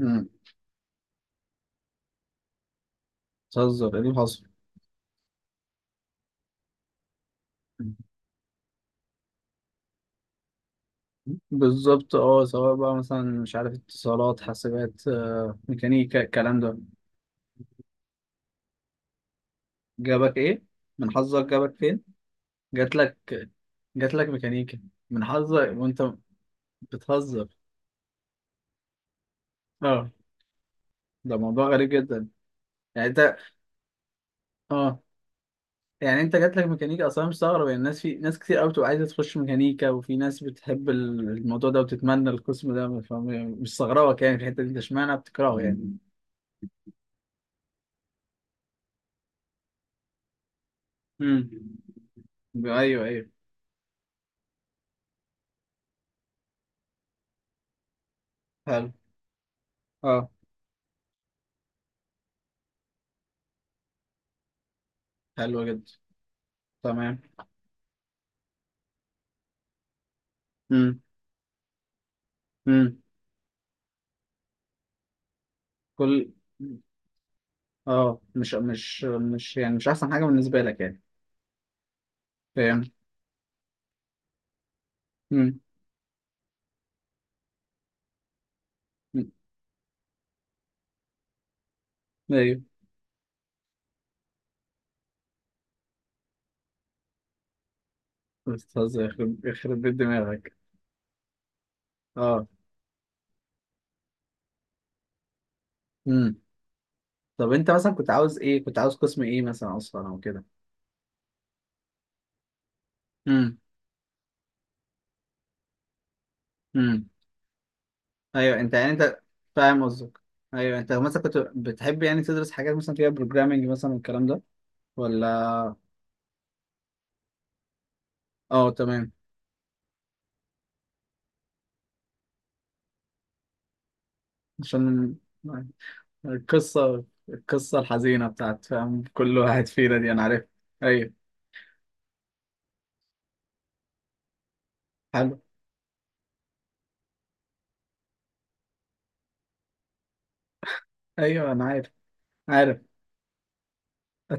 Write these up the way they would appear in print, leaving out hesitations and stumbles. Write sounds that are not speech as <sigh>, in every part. امم بتهزر ايه اللي حصل؟ بالظبط، اه، سواء بقى مثلا مش عارف اتصالات، حاسبات، ميكانيكا، الكلام ده. جابك ايه؟ من حظك جابك فين؟ جات لك. جات لك ميكانيكا؟ من حظك وانت... بتهزر. اه. ده موضوع غريب جدا. يعني انت... اه. يعني انت جات لك ميكانيكا اصلا مستغرب يعني. الناس، في ناس كتير قوي بتبقى عايزه تخش ميكانيكا، وفي ناس بتحب الموضوع ده وتتمنى القسم ده، فمش مستغربك يعني في الحته دي. انت اشمعنى بتكرهه يعني؟ امم. ايوه، ايوه. حلو. اه، حلو جدا. تمام. امم. امم. كل اه مش يعني مش احسن حاجه بالنسبه لك يعني. فاهم. امم. أمم. ايوه. استاذ، يخرب يخرب بيت دماغك. اه. امم. طب انت مثلا كنت عاوز قسم ايه مثلا اصلا او كده؟ امم. امم. ايوه. انت يعني انت فاهم قصدك. ايوه، انت مثلا كنت بتحب يعني تدرس حاجات مثلا فيها بروجرامنج مثلا والكلام ده؟ ولا؟ اه، تمام. عشان القصة الحزينة بتاعت، فاهم، كل واحد فينا دي، أنا عارف. أيوه. حلو. أيوه أنا عارف، عارف.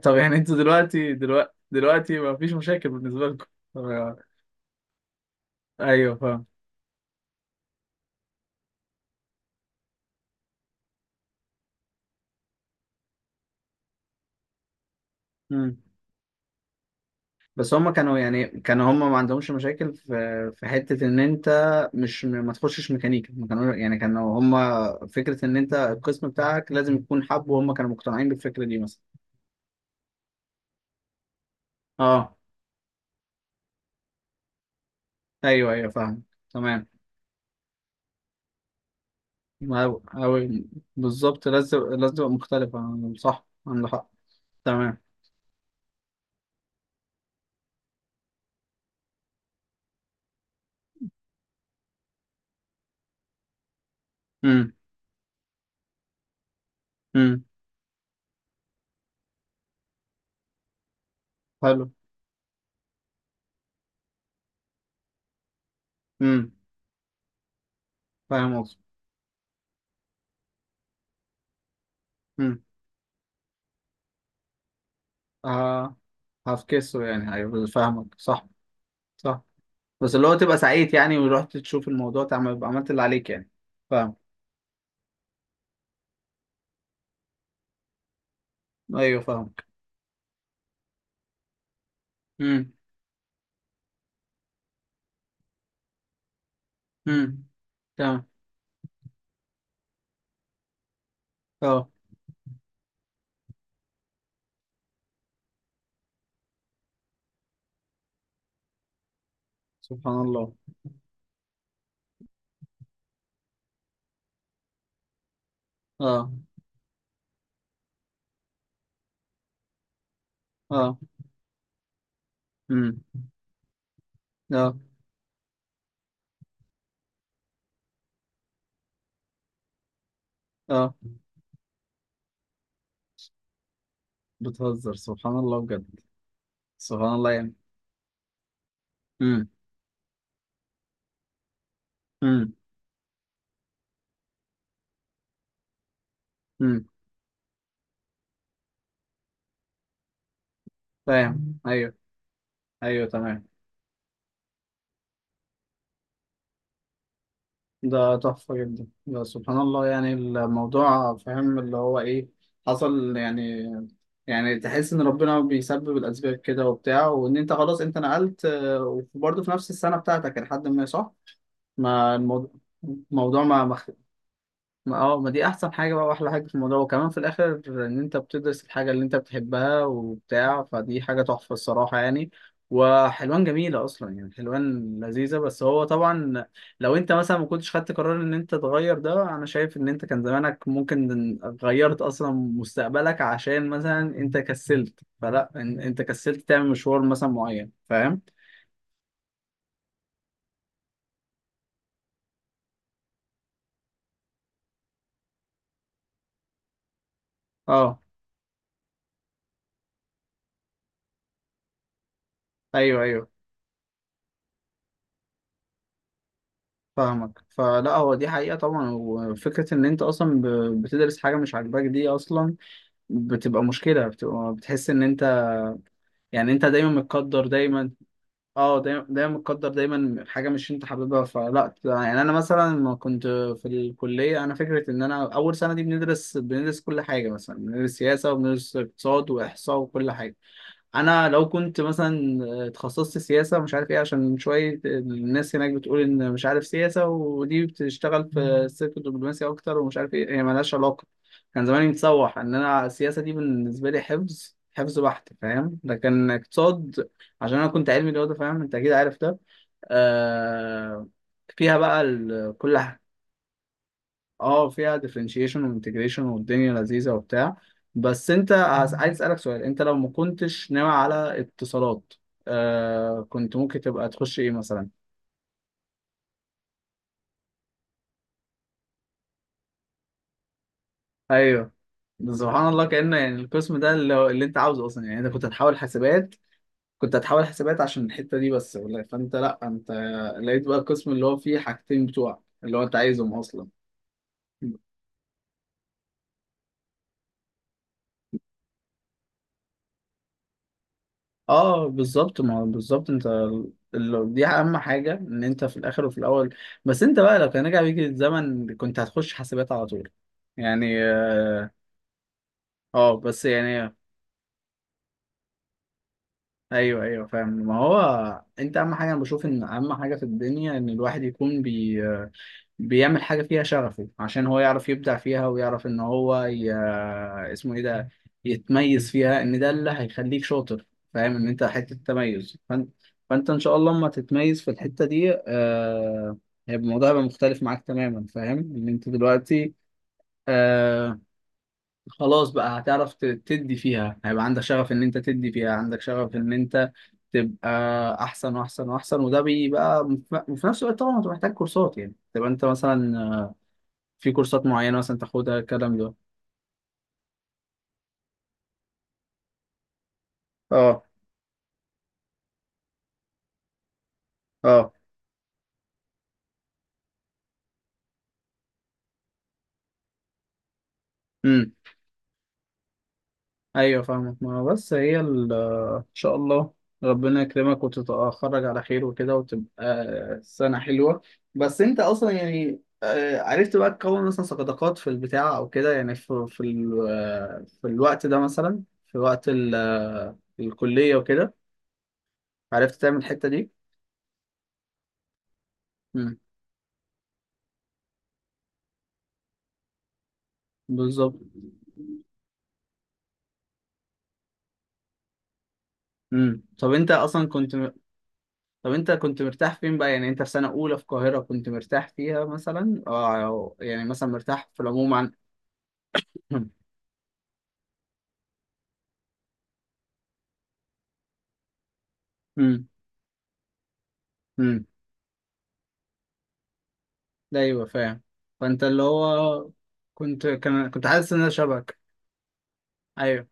طب يعني أنتوا دلوقتي ما فيش مشاكل بالنسبة لكم، <laughs> طب- أيوه فاهم. مم. بس هما كانوا هما ما عندهمش مشاكل في حتة إن أنت مش ما تخشش ميكانيكا. ما كانوا هما فكرة إن أنت القسم بتاعك لازم يكون حب، وهم كانوا مقتنعين بالفكرة دي مثلا؟ أه. أيوه، أيوه، فاهم. تمام. أو بالظبط، لازم لازم تبقى مختلفة صح، عندك حق. تمام. أمم. أمم. حلو. أمم. فاهم قصدي. أمم. آه هفكسه يعني. أيوه، فاهمك. صح. صح. بس اللي هو تبقى سعيد يعني، ورحت تشوف الموضوع تعمل، يبقى عملت اللي عليك يعني. فاهم. أيوه، فاهمك. أمم. أمم. تمام. أه، سبحان الله. أه. أه. أمم. أه. أه، بتهزر؟ سبحان الله بجد. سبحان الله يعني. أمم. أمم. أمم. فاهم. أيوه. ايوه، تمام. ده تحفة جدا ده، سبحان الله يعني الموضوع، فاهم، اللي هو ايه حصل يعني. يعني تحس ان ربنا بيسبب الاسباب كده وبتاع، وان انت خلاص انت نقلت وبرضه في نفس السنة بتاعتك لحد ما، صح؟ ما الموضوع. الموضوع ما ما. ما، اه. ما دي احسن حاجه بقى واحلى حاجه في الموضوع، وكمان في الاخر ان انت بتدرس الحاجه اللي انت بتحبها وبتاع، فدي حاجه تحفه الصراحه يعني. وحلوان جميله اصلا يعني، حلوان لذيذه. بس هو طبعا، لو انت مثلا ما كنتش خدت قرار ان انت تغير ده، انا شايف ان انت كان زمانك ممكن غيرت اصلا مستقبلك، عشان مثلا انت كسلت، فلا، انت كسلت تعمل مشوار مثلا معين، فاهم. اه. ايوه، ايوه، فاهمك. فلا هو دي حقيقة طبعا، وفكرة ان انت اصلا بتدرس حاجة مش عاجباك دي اصلا بتبقى مشكلة، بتبقى بتحس ان انت، يعني انت دايما متقدر دايما. اه، دايما دايما متقدر دايما حاجة مش انت حاببها. فلا يعني انا مثلا لما كنت في الكلية، انا فكرة ان انا اول سنة دي بندرس كل حاجة، مثلا بندرس سياسة وبندرس اقتصاد واحصاء وكل حاجة. انا لو كنت مثلا اتخصصت سياسه مش عارف ايه، عشان شويه الناس هناك بتقول ان مش عارف سياسه ودي بتشتغل في السلك الدبلوماسي اكتر، ومش عارف ايه، هي ملهاش علاقه. كان زماني متسوح ان انا السياسه دي بالنسبه لي حفظ حفظ بحت، فاهم، لكن اقتصاد، عشان انا كنت علمي رياضه، فاهم انت اكيد عارف ده. آه فيها بقى اه فيها differentiation و integration والدنيا لذيذة وبتاع. بس انت عايز اسألك سؤال، انت لو ما كنتش ناوي على اتصالات، كنت ممكن تبقى تخش ايه مثلا؟ ايوه. ده سبحان الله، كأنه يعني القسم ده اللي انت عاوزه اصلا، يعني انت كنت هتحاول حسابات. كنت هتحاول حسابات عشان الحتة دي بس، فانت، لا، انت لقيت بقى القسم اللي هو فيه حاجتين بتوع اللي هو انت عايزهم اصلا. اه بالظبط، ما هو بالظبط انت دي اهم حاجه ان انت في الاخر وفي الاول. بس انت بقى لو كان رجع بيك الزمن كنت هتخش حاسبات على طول يعني؟ اه بس يعني. ايوه، ايوه، فاهم. ما هو انت اهم حاجه، انا بشوف ان اهم حاجه في الدنيا ان الواحد يكون بيعمل حاجة فيها شغفه، عشان هو يعرف يبدع فيها ويعرف إن هو اسمه إيه ده، يتميز فيها، إن ده اللي هيخليك شاطر، فاهم إن أنت حتة تميز، فأنت فأنت إن شاء الله لما تتميز في الحتة دي هيبقى الموضوع، هيبقى مختلف معاك تماما، فاهم إن أنت دلوقتي آه... خلاص بقى هتعرف تدي فيها، هيبقى عندك شغف إن أنت تدي فيها، عندك شغف إن أنت تبقى أحسن وأحسن وأحسن، وده بيبقى، وفي وفي نفس الوقت طبعا أنت محتاج كورسات، يعني تبقى أنت مثلا في كورسات معينة مثلا تاخدها، الكلام ده. اه. اه. امم. ايوه فاهمك. ما هو بس هي ان شاء الله ربنا يكرمك وتتخرج على خير وكده، وتبقى سنة حلوة. بس انت اصلا يعني عرفت بقى تكون مثلا صداقات في البتاع او كده، يعني في في الوقت ده مثلا، في وقت الكلية وكده، عرفت تعمل الحتة دي؟ امم. بالظبط. امم. طب انت اصلا كنت. طب انت كنت مرتاح فين بقى، يعني انت في سنة اولى في القاهرة كنت مرتاح فيها مثلا، اه أو يعني مثلا مرتاح في العموم عن... <clears throat> امم. امم. ده. ايوه فاهم. فانت اللي هو كنت كان كنت حاسس ان انا شبك. ايوه.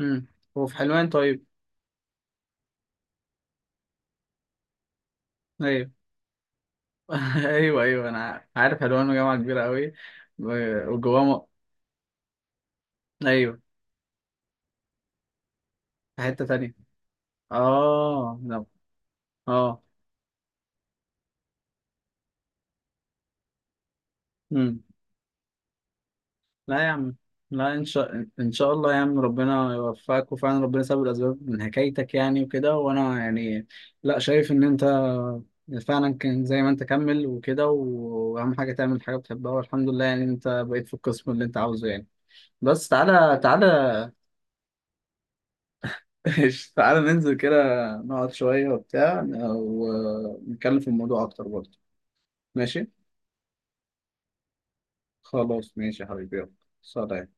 امم. وفي حلوان، طيب؟ ايوه. <laughs> ايوه، ايوه انا عارف، حلوان جامعة كبيرة قوي. وجواه. ايوه، في حتة تانية. اه، لا. اه، لا يا عم. لا، ان شاء الله يا عم ربنا يوفقك، وفعلا ربنا سبب الاسباب من حكايتك يعني وكده، وانا يعني لا شايف ان انت فعلا كان زي ما انت كمل وكده، واهم حاجه تعمل حاجه بتحبها، والحمد لله يعني انت بقيت في القسم اللي انت عاوزه يعني. بس تعالى، تعالى. <laughs> تعالى ننزل كده، نقعد شويه وبتاع، ونتكلم في الموضوع اكتر برضه. ماشي. خلاص، ماشي يا حبيبي، يلا، سلام.